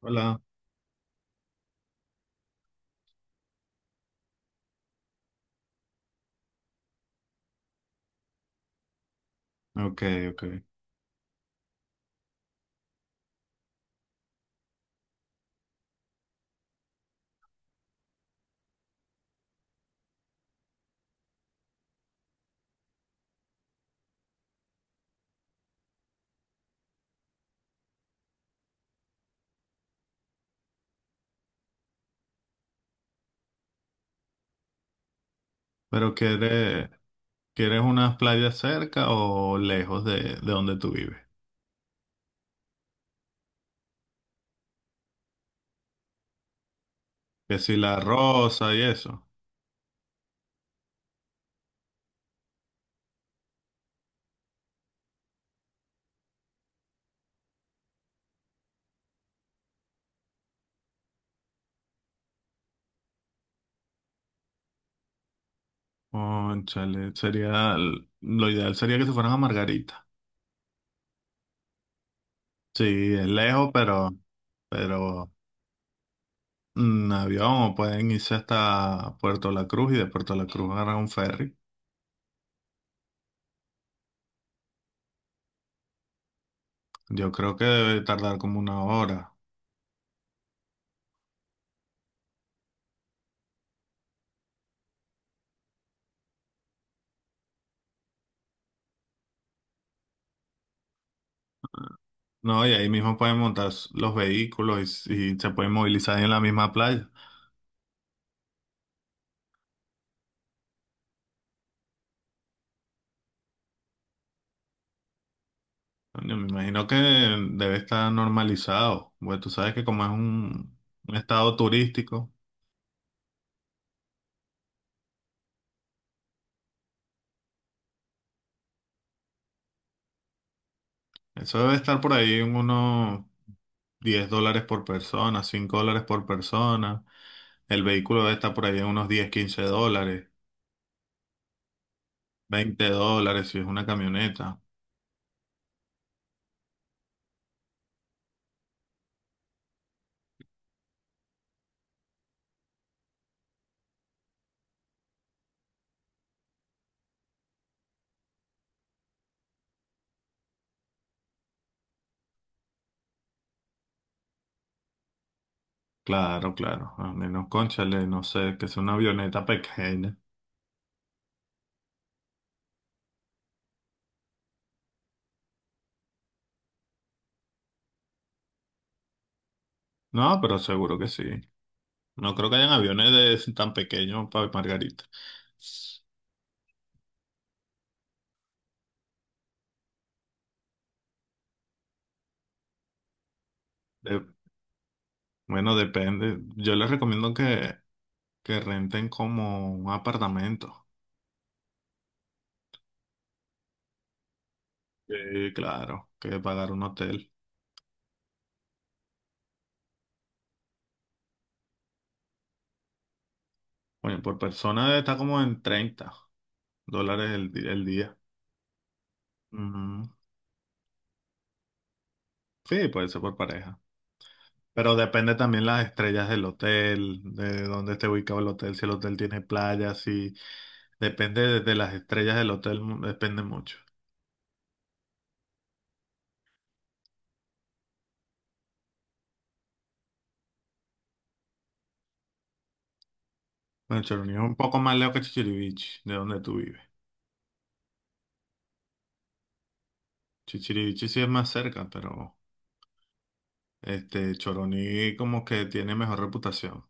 Hola. Ok, ok. ¿Pero quieres unas playas cerca o lejos de donde tú vives? Que si La Rosa y eso. Cónchale, lo ideal sería que se fueran a Margarita. Sí, es lejos, pero en avión o pueden irse hasta Puerto La Cruz y de Puerto La Cruz agarrar un ferry. Yo creo que debe tardar como una hora. No, y ahí mismo pueden montar los vehículos y se pueden movilizar en la misma playa. Coño, me imagino que debe estar normalizado. Bueno, tú sabes que como es un estado turístico, eso debe estar por ahí en unos $10 por persona, $5 por persona. El vehículo debe estar por ahí en unos 10, $15, $20 si es una camioneta. Claro, claro. A menos, cónchale, no sé, que sea una avioneta pequeña. No, pero seguro que sí. No creo que hayan aviones de, tan pequeños para Margarita. Eh, Bueno, depende. Yo les recomiendo que renten como un apartamento. Sí, claro, que pagar un hotel. Bueno, por persona está como en $30 el, el día. Ujú. Sí, puede ser por pareja. Pero depende también las estrellas del hotel, de dónde esté ubicado el hotel, si el hotel tiene playa, si... Depende de las estrellas del hotel, depende mucho. Bueno, Choroní es un poco más lejos que Chichiriviche, de donde tú vives. Chichiriviche sí es más cerca, pero... Este, Choroní como que tiene mejor reputación.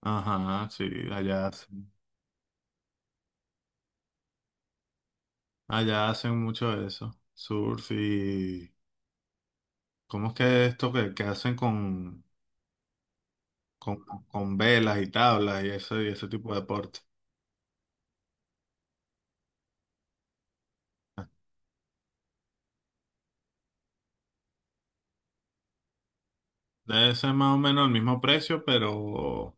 Ajá, sí, allá, hacen- allá hacen mucho de eso. Surf y... ¿Cómo es que esto que hacen con, con velas y tablas y ese tipo de deporte? Debe ser más o menos el mismo precio, pero...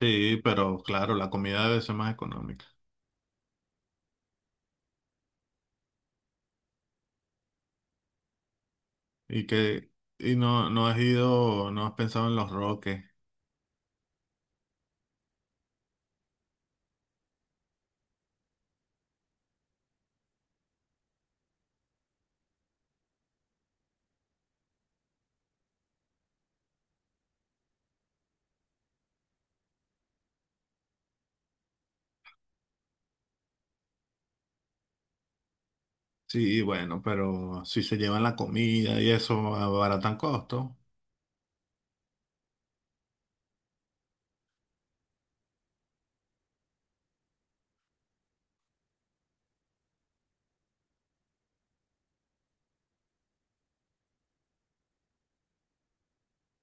Sí, pero claro, la comida debe ser más económica. Y que... Y no has pensado en los roques. Sí, bueno, pero si se llevan la comida y eso, abaratan costo.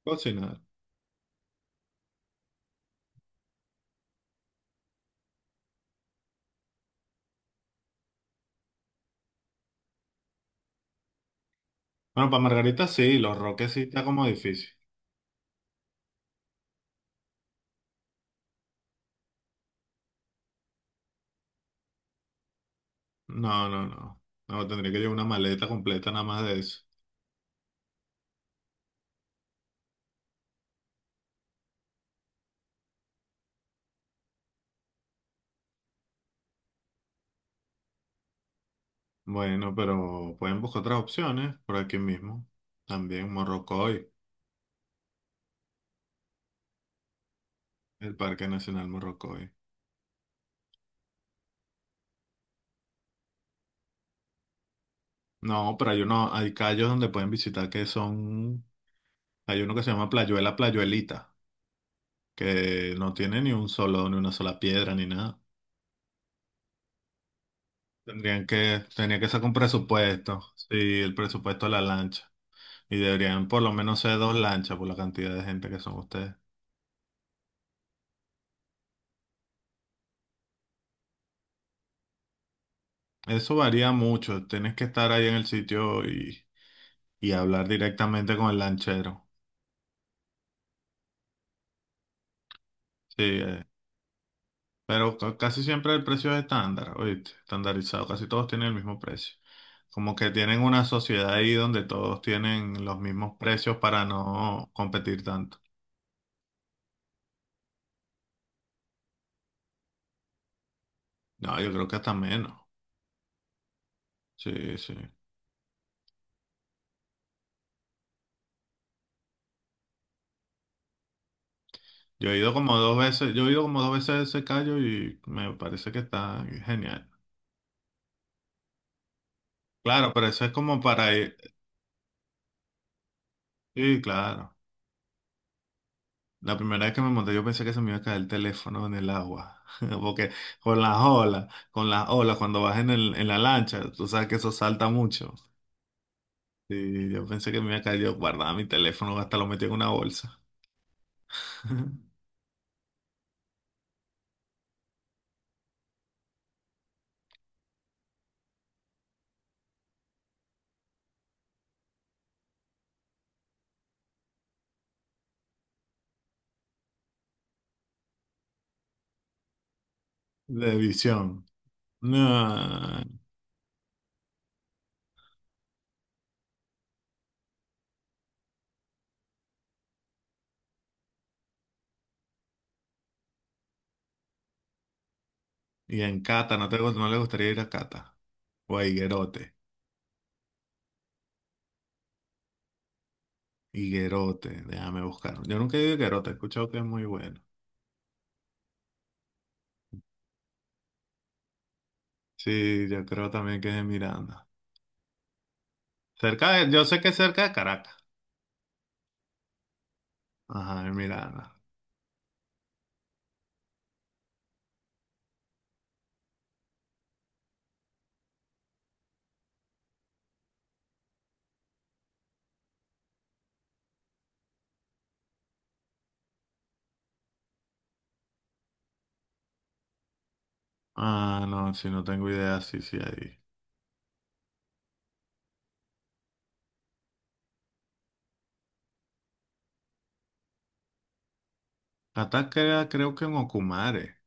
Cocinar. Bueno, para Margarita sí, los Roques sí está como difícil. No, no, no. No, tendría que llevar una maleta completa nada más de eso. Bueno, pero pueden buscar otras opciones por aquí mismo. También Morrocoy, el Parque Nacional Morrocoy. No, pero hay uno, hay callos donde pueden visitar hay uno que se llama Playuela Playuelita, que no tiene ni un solo, ni una sola piedra, ni nada. Tenía que sacar un presupuesto, sí, el presupuesto de la lancha. Y deberían por lo menos ser dos lanchas por la cantidad de gente que son ustedes. Eso varía mucho. Tienes que estar ahí en el sitio y hablar directamente con el lanchero. Sí, pero casi siempre el precio es estándar, ¿oíste? Estandarizado. Casi todos tienen el mismo precio. Como que tienen una sociedad ahí donde todos tienen los mismos precios para no competir tanto. No, yo creo que hasta menos. Sí, sí. Yo he ido como dos veces a ese callo y me parece que está genial. Claro, pero eso es como para ir. Sí, claro. La primera vez que me monté, yo pensé que se me iba a caer el teléfono en el agua. Porque con las olas, cuando vas en el, en la lancha, tú sabes que eso salta mucho. Y yo pensé que me iba a caer, yo guardaba mi teléfono, hasta lo metí en una bolsa. De visión. No. Y en Cata, no le gustaría ir a Cata? O a Higuerote. Higuerote, déjame buscar. Yo nunca he ido a Higuerote, he escuchado que es muy bueno. Sí, yo creo también que es de Miranda. Cerca de, yo sé que es cerca de Caracas. Ajá, en Miranda. Ah, no, si no tengo idea, sí, sí, ahí. Caracas creo que en Ocumare.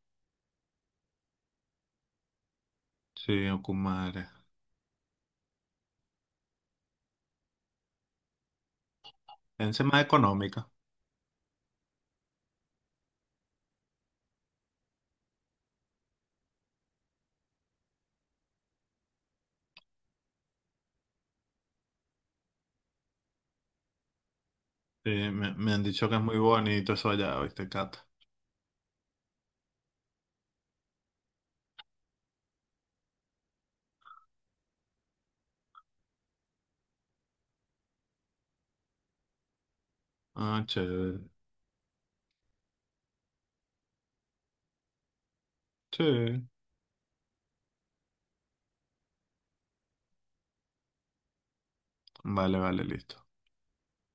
Sí, Ocumare. Es más económica. Sí, me han dicho que es muy bonito eso allá, ¿viste, Cata? Ah, chévere. Sí. Vale, vale, listo.